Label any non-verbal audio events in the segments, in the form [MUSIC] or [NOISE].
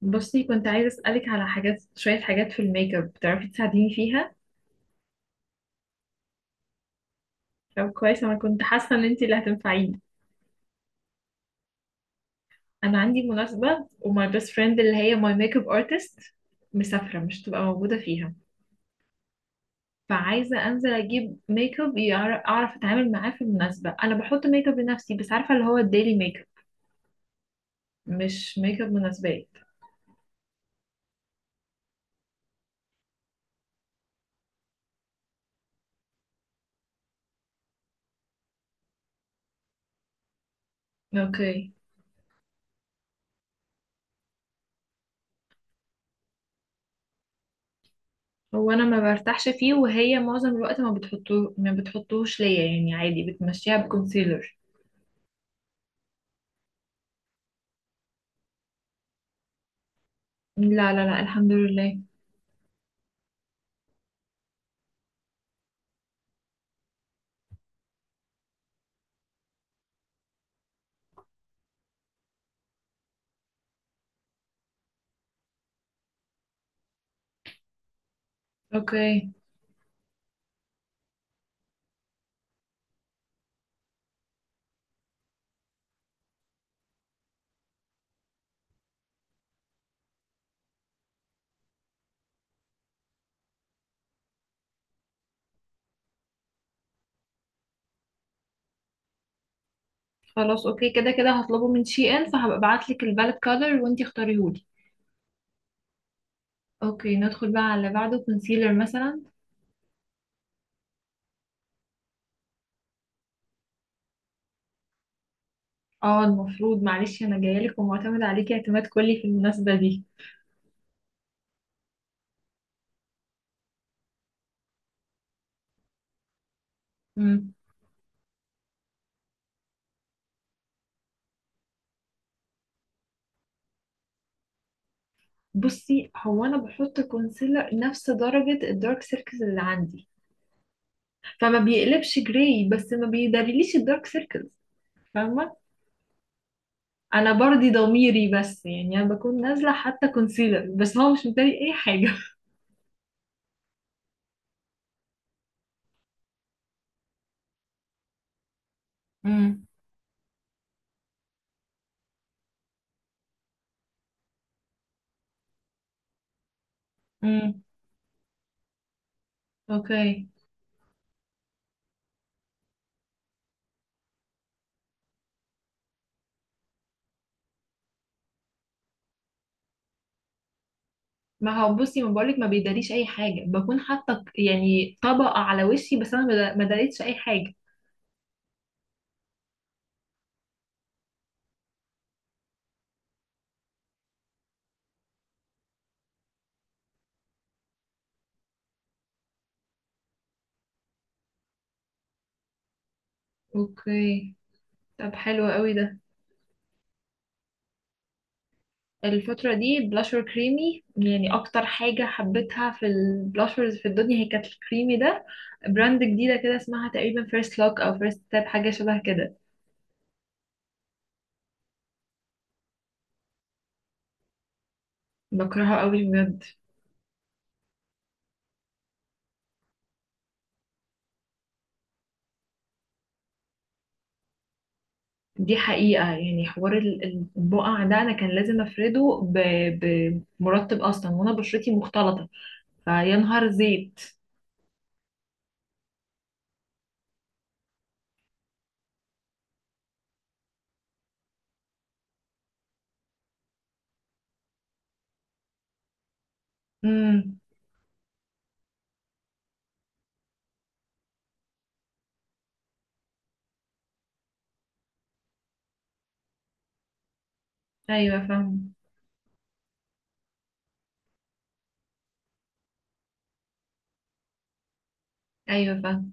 بصي، كنت عايزة أسألك على حاجات، شوية حاجات في الميك اب بتعرفي تساعديني فيها. طب كويس، أنا كنت حاسة إن أنتي اللي هتنفعيني. أنا عندي مناسبة وماي بيست فريند اللي هي ماي ميك اب ارتست مسافرة، مش هتبقى موجودة فيها. فعايزة أنزل أجيب ميك اب، أعرف أتعامل معاه في المناسبة. أنا بحط ميك اب لنفسي بس، عارفة اللي هو الديلي ميك اب، مش ميك اب مناسبات. أوكي. هو أنا ما برتاحش فيه، وهي معظم الوقت ما بتحطوه، ما بتحطوهش ليا، يعني عادي بتمشيها بكونسيلر. لا لا لا، الحمد لله. اوكي. خلاص اوكي، كده كده هطلبه من شي ان، فهبقى ابعتلك البالت كولر وانتي اختاريهولي. اوكي، ندخل بقى على اللي بعده، كونسيلر مثلا. اه المفروض، معلش، انا جايلك ومعتمد عليكي اعتماد كلي في المناسبة دي. امم. بصي، هو انا بحط كونسيلر نفس درجة الدارك سيركلز اللي عندي، فما بيقلبش جراي، بس ما بيداريليش الدارك سيركلز، فاهمة. انا برضي ضميري، بس يعني انا بكون نازلة حتى كونسيلر، بس هو مش مداري اي حاجة. امم. امم. [LAUGHS] اوكي. ما هو بصي، ما بقولك، ما بيداريش اي حاجه بكون حاطه، يعني طبقه على وشي، بس انا ما داريتش اي حاجه. اوكي، طب حلو قوي ده. الفتره دي بلاشر كريمي، يعني اكتر حاجه حبيتها في البلاشرز في الدنيا هي كانت الكريمي ده. براند جديده كده، اسمها تقريبا فيرست لوك او فيرست تاب، حاجه شبه كده. بكرهها قوي بجد. دي حقيقه، يعني حوار البقع ده انا كان لازم افرده بمرطب، اصلا وانا بشرتي مختلطه، فيا نهار زيت. ايوه فاهم. ايوه فاهم.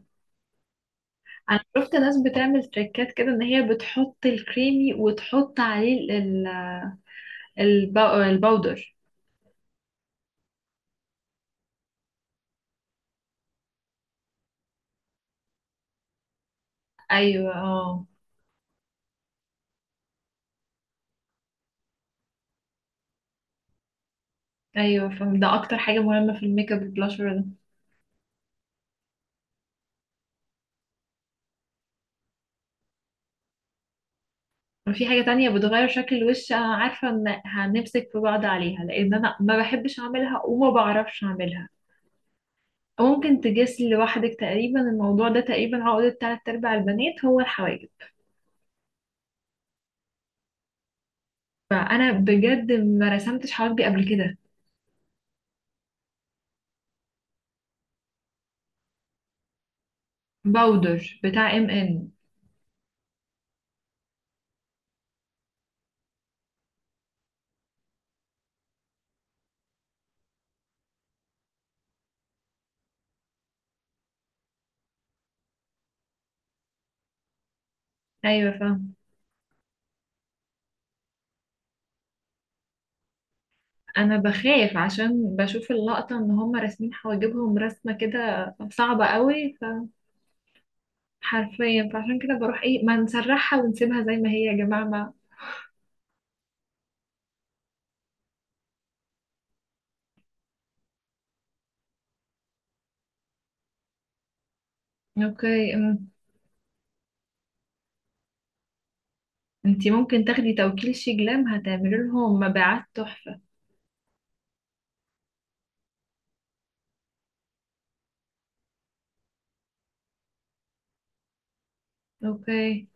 انا شفت ناس بتعمل تريكات كده، ان هي بتحط الكريمي وتحط عليه ال- الباودر. ايوه. اه، ايوه فاهم، ده اكتر حاجه مهمه في الميك اب، البلاشر ده. وفي حاجه تانية بتغير شكل الوش، انا عارفه ان هنمسك في بعض عليها، لان انا ما بحبش اعملها وما بعرفش اعملها. ممكن تجس لوحدك تقريبا. الموضوع ده تقريبا عقدة تلات ارباع البنات، هو الحواجب. فانا بجد ما رسمتش حواجبي قبل كده. باودر بتاع ام ان. ايوه فاهم. انا بخاف عشان بشوف اللقطه ان هم راسمين حواجبهم رسمه كده، صعبه قوي. فحرفيا، فعشان كده بروح ايه، ما نسرحها ونسيبها زي ما هي يا جماعه ما. اوكي. انتي ممكن تاخدي توكيل شجلام، هتعملي لهم مبيعات تحفه. اوكي.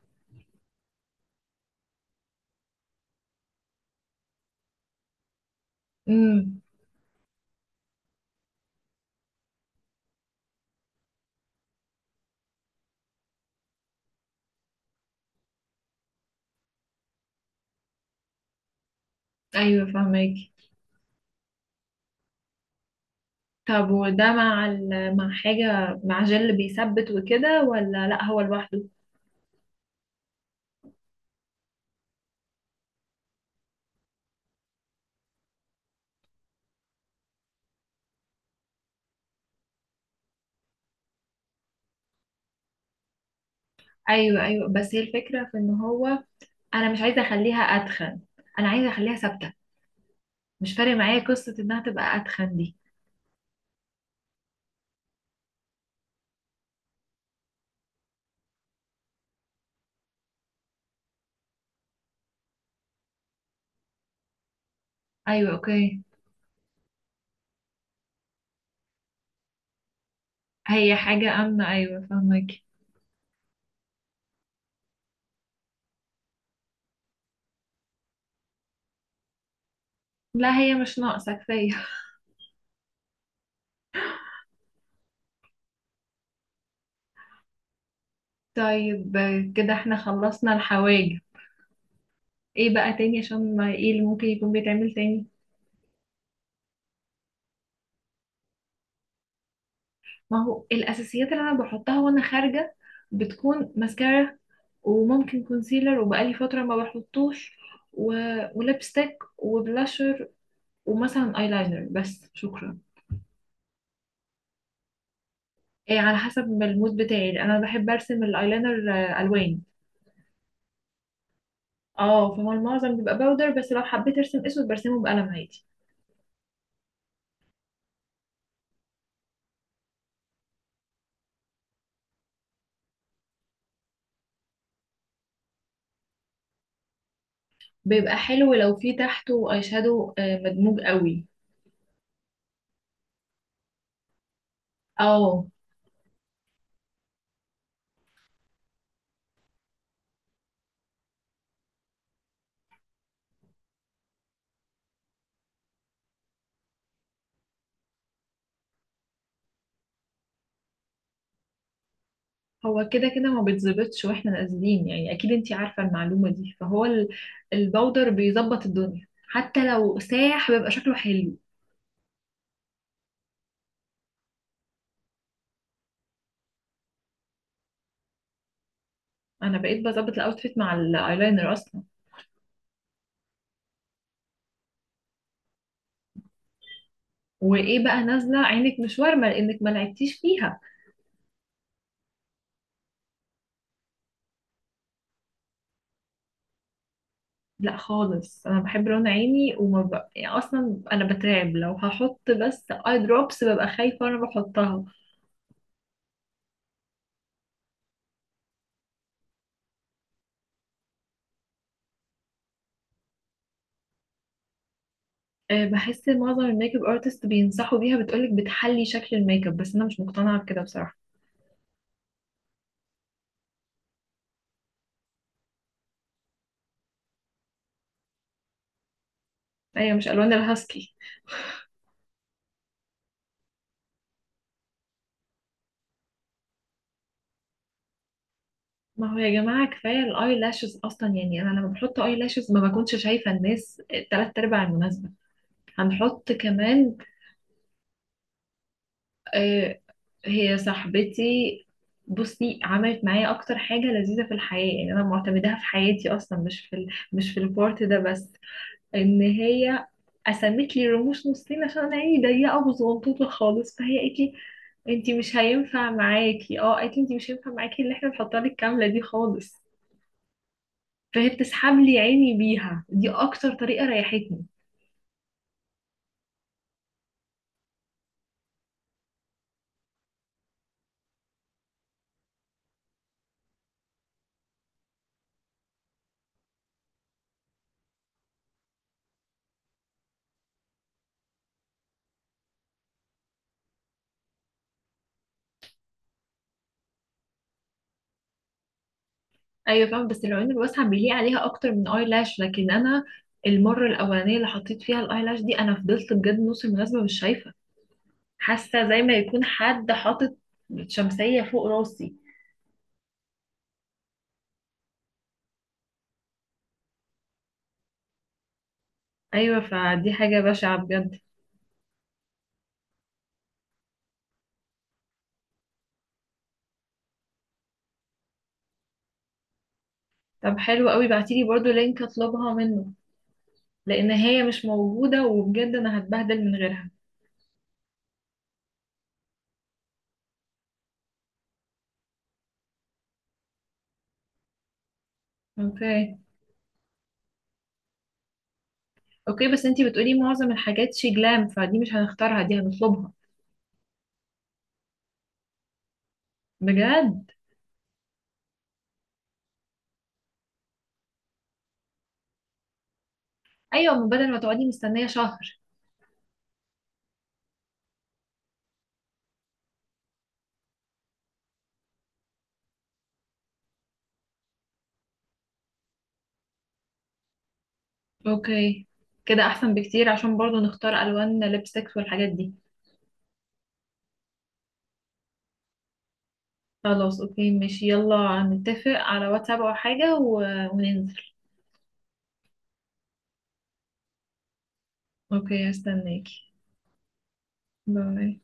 امم. ايوه فاهماكي. طب وده مع حاجه، مع جل بيثبت وكده، ولا لا هو لوحده؟ ايوه ايوه، بس هي الفكره في ان هو انا مش عايزه اخليها اتخن، انا عايزه اخليها ثابته. مش فارق معايا قصة انها تبقى اتخن دي. ايوه اوكي. هي حاجة امنة، ايوه فاهمك. لا، هي مش ناقصة كفاية. [LAUGHS] طيب كده احنا خلصنا الحواجب. ايه بقى تاني؟ عشان ما ايه اللي ممكن يكون بيتعمل تاني؟ ما هو الاساسيات اللي انا بحطها وانا خارجة بتكون ماسكارا، وممكن كونسيلر وبقالي فترة ما بحطوش، و... ولبستك وبلاشر ومثلا ايلاينر بس، شكرا. إيه، على حسب المود بتاعي، انا بحب ارسم الايلاينر الوان. اه فهو المعظم بيبقى باودر، بس لو حبيت ارسم اسود برسمه بقلم عادي. بيبقى حلو لو في تحته اي شادو مدموج قوي. اه، هو كده كده ما بيتظبطش واحنا نازلين، يعني اكيد انتي عارفة المعلومة دي، فهو الباودر بيظبط الدنيا، حتى لو ساح بيبقى شكله حلو. انا بقيت بظبط الاوتفيت مع الايلاينر اصلا. وايه بقى نازلة عينك مش وارمة لانك ما لعبتيش فيها. لا خالص، انا بحب رنا عيني، يعني اصلا انا بترعب لو هحط بس اي دروبس، ببقى خايفه وانا بحطها. أه، بحس معظم الميك اب ارتست بينصحوا بيها، بتقولك بتحلي شكل الميك اب، بس انا مش مقتنعه بكده بصراحه. هي مش الوان الهاسكي. ما هو يا جماعه كفايه الاي لاشز اصلا، يعني انا لما بحط اي لاشز ما بكونش شايفه الناس تلات ارباع المناسبه. هنحط كمان؟ آه، هي صاحبتي، بصي، عملت معايا اكتر حاجه لذيذه في الحياه، يعني انا معتمداها في حياتي اصلا، مش في البارت ده بس. ان هي قسمت لي رموش نصين عشان انا عيني ضيقه وصغنطوطه خالص، فهي قالت لي انتي مش هينفع معاكي، اه قالت لي انتي مش هينفع معاكي اللي احنا بنحطها لك كامله دي خالص. فهي بتسحب لي عيني بيها، دي اكتر طريقه ريحتني. ايوه فاهم، بس العيون الواسعه بيليق عليها اكتر من اي لاش، لكن انا المره الاولانيه اللي حطيت فيها الاي لاش دي انا فضلت بجد نص المناسبه مش شايفه، حاسه زي ما يكون حد حاطط شمسيه فوق راسي. ايوه فدي حاجه بشعه بجد. طب حلو قوي، بعتيلي برضو لينك اطلبها منه، لان هي مش موجوده وبجد انا هتبهدل من غيرها. اوكي. اوكي، بس انتي بتقولي معظم الحاجات شي جلام، فدي مش هنختارها، دي هنطلبها. بجد. ايوه، من بدل ما تقعدي مستنيه شهر. اوكي. كده احسن بكتير، عشان برضو نختار الوان لبستكس والحاجات دي. خلاص اوكي ماشي، يلا نتفق على واتساب او حاجة وننزل. اوكي، هستناكي. باي.